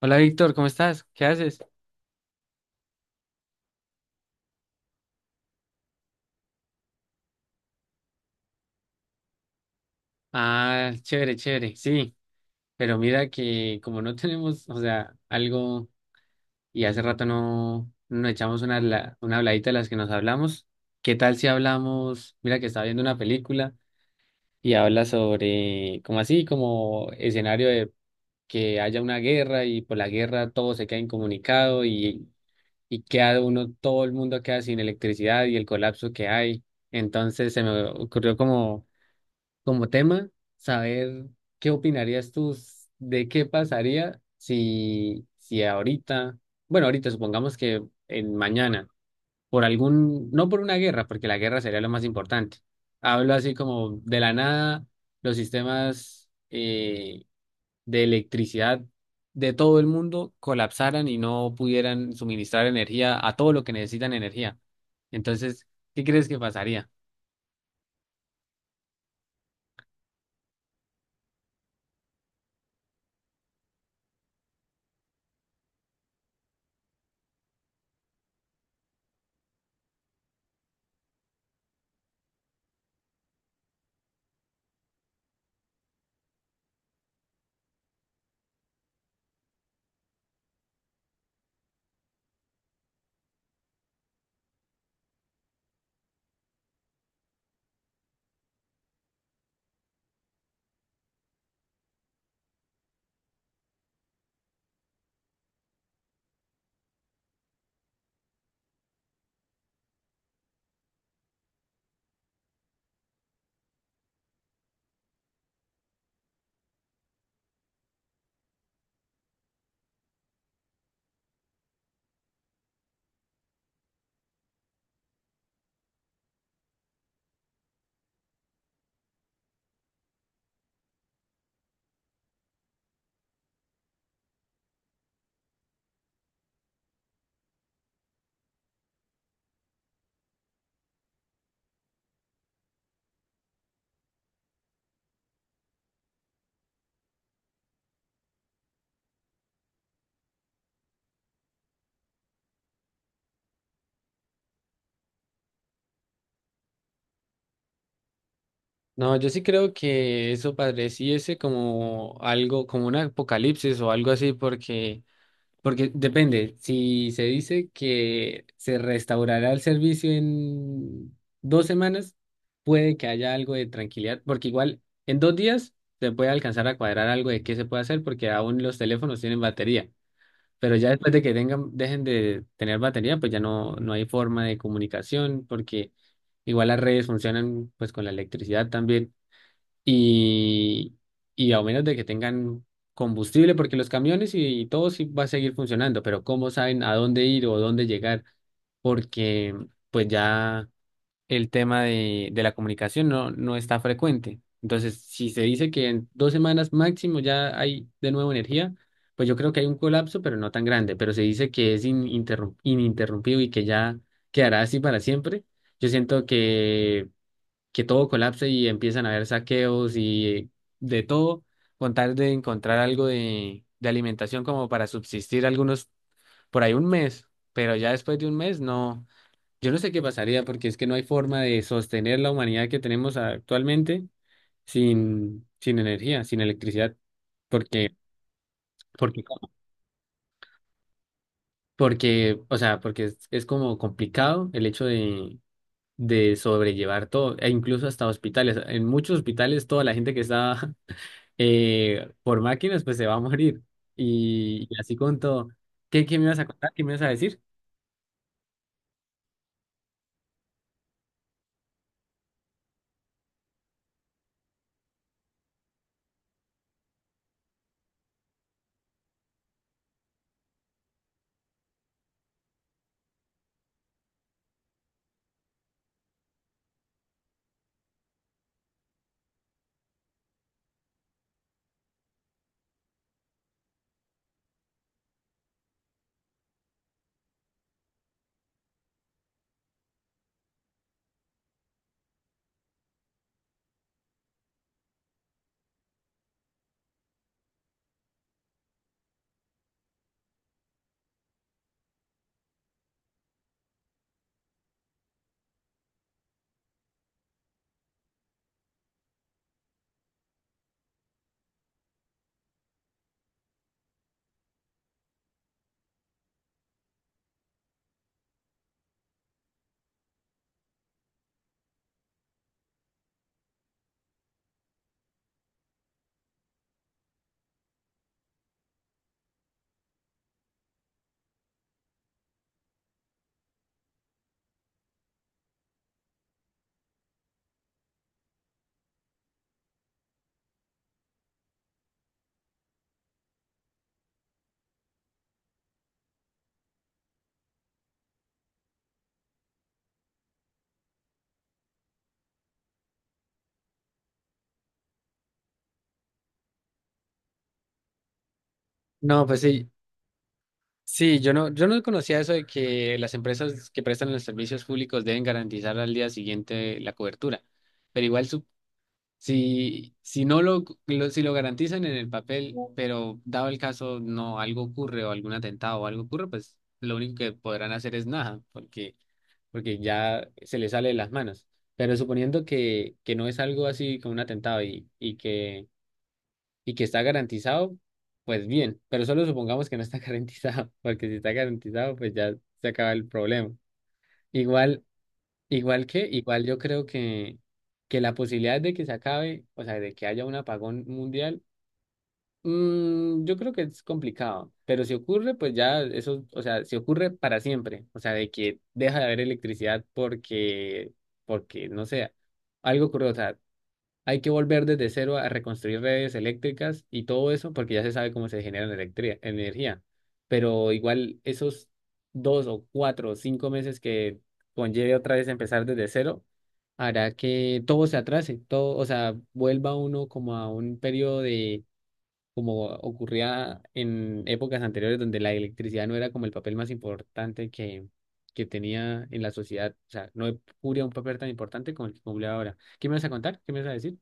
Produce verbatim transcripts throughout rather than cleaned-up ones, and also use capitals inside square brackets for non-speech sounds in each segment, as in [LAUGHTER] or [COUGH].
Hola Víctor, ¿cómo estás? ¿Qué haces? Ah, chévere, chévere, sí, pero mira que como no tenemos, o sea, algo y hace rato no no nos echamos una, la- una habladita de las que nos hablamos. ¿Qué tal si hablamos? Mira que estaba viendo una película y habla sobre, como así, como escenario de que haya una guerra y por la guerra todo se queda incomunicado y, y queda uno, todo el mundo queda sin electricidad y el colapso que hay. Entonces se me ocurrió como como tema, saber qué opinarías tú s- de qué pasaría si, si ahorita, bueno, ahorita supongamos que en mañana, por algún, no por una guerra, porque la guerra sería lo más importante. Hablo así como de la nada, los sistemas eh, de electricidad de todo el mundo colapsaran y no pudieran suministrar energía a todo lo que necesitan energía. Entonces, ¿qué crees que pasaría? No, yo sí creo que eso padeciese como algo, como un apocalipsis o algo así, porque, porque depende, si se dice que se restaurará el servicio en dos semanas, puede que haya algo de tranquilidad, porque igual en dos días se puede alcanzar a cuadrar algo de qué se puede hacer, porque aún los teléfonos tienen batería, pero ya después de que tengan, dejen de tener batería, pues ya no, no hay forma de comunicación, porque igual las redes funcionan pues con la electricidad también y, y a menos de que tengan combustible, porque los camiones y, y todo sí va a seguir funcionando, pero ¿cómo saben a dónde ir o dónde llegar? Porque pues ya el tema de, de la comunicación no, no está frecuente. Entonces, si se dice que en dos semanas máximo ya hay de nuevo energía, pues yo creo que hay un colapso, pero no tan grande, pero se dice que es ininterrum- ininterrumpido y que ya quedará así para siempre. Yo siento que que todo colapse y empiezan a haber saqueos y de todo, con tal de encontrar algo de, de alimentación como para subsistir algunos por ahí un mes, pero ya después de un mes no, yo no sé qué pasaría porque es que no hay forma de sostener la humanidad que tenemos actualmente sin, sin energía, sin electricidad, porque, porque, porque, o sea, porque es, es como complicado el hecho de... de sobrellevar todo, e incluso hasta hospitales. En muchos hospitales toda la gente que está eh, por máquinas, pues se va a morir. Y, y así con todo. ¿Qué, qué me ibas a contar? ¿Qué me ibas a decir? No, pues sí, sí, yo no, yo no conocía eso de que las empresas que prestan los servicios públicos deben garantizar al día siguiente la cobertura. Pero igual su- si, si no lo, lo- si lo garantizan en el papel, pero dado el caso no algo ocurre o algún atentado o algo ocurre, pues lo único que podrán hacer es nada, porque porque ya se le sale de las manos. Pero suponiendo que, que no es algo así como un atentado y, y que, y que está garantizado, pues bien, pero solo supongamos que no está [LAUGHS] garantizado, porque si está garantizado, pues ya se acaba el problema. Igual, igual que, igual yo creo que, que la posibilidad de que se acabe, o sea, de que haya un apagón mundial. Mm, yo creo que es complicado, pero si ocurre, pues ya eso, o sea, si ocurre para siempre, o sea, de que deja de haber electricidad porque, porque, no sé, algo ocurrió, o sea, hay que volver desde cero a reconstruir redes eléctricas y todo eso porque ya se sabe cómo se genera la electri- energía, pero igual esos dos o cuatro o cinco meses que conlleve otra vez empezar desde cero, hará que todo se atrase, todo, o sea, vuelva uno como a un periodo de como ocurría en épocas anteriores donde la electricidad no era como el papel más importante que, que tenía en la sociedad. O sea, no cubría un papel tan importante como el que cumple ahora. ¿Qué me vas a contar? ¿Qué me vas a decir?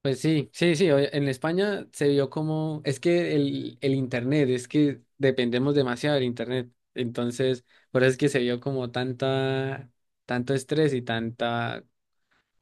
Pues sí, sí, sí, oye, en España se vio como, es que el, el Internet, es que dependemos demasiado del Internet, entonces por eso es que se vio como tanta, tanto estrés y tanta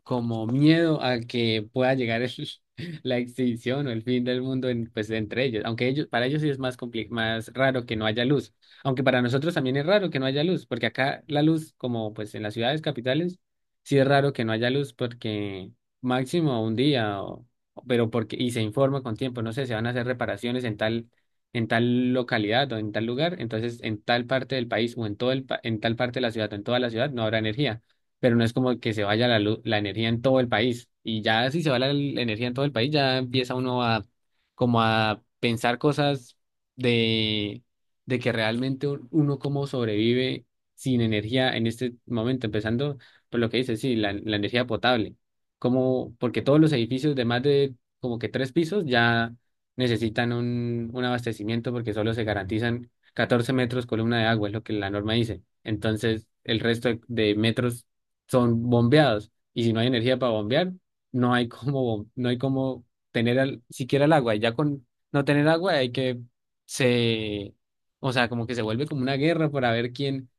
como miedo a que pueda llegar el- [LAUGHS] la extinción o el fin del mundo en, pues, entre ellos. Aunque ellos, para ellos sí es más compli- más raro que no haya luz. Aunque para nosotros también es raro que no haya luz, porque acá la luz, como pues en las ciudades capitales, sí es raro que no haya luz porque máximo un día, o- pero porque, y se informa con tiempo, no sé, se van a hacer reparaciones en tal, en tal localidad o en tal lugar, entonces en tal parte del país o en todo el, pa- en tal parte de la ciudad o en toda la ciudad no habrá energía pero no es como que se vaya la luz, la energía en todo el país. Y ya si se va la, la energía en todo el país, ya empieza uno a como a pensar cosas de, de que realmente un- uno cómo sobrevive sin energía en este momento, empezando por lo que dice, sí, la, la energía potable. Como, porque todos los edificios de más de como que tres pisos ya necesitan un, un abastecimiento porque solo se garantizan catorce metros columna de agua, es lo que la norma dice. Entonces, el resto de de metros son bombeados. Y si no hay energía para bombear, no hay como bom- no hay como tener al- siquiera el agua. Y ya con no tener agua hay que se, o sea, como que se vuelve como una guerra para ver quién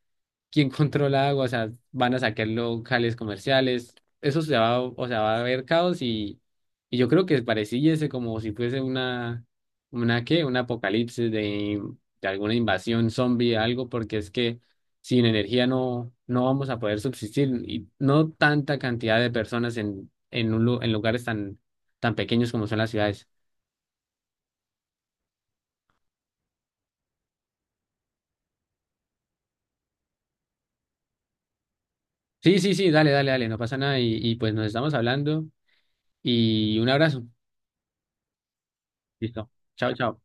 quién controla agua, o sea, van a sacar locales comerciales, eso se va, o sea, va a haber caos y, y yo creo que pareciese como si fuese una, una qué, un apocalipsis de, de alguna invasión zombie, algo, porque es que sin energía no, no vamos a poder subsistir y no tanta cantidad de personas en, en, un, lu- en lugares tan, tan pequeños como son las ciudades. Sí, sí, sí, dale, dale, dale, no pasa nada y, y pues nos estamos hablando y un abrazo. Listo. Chao, chao.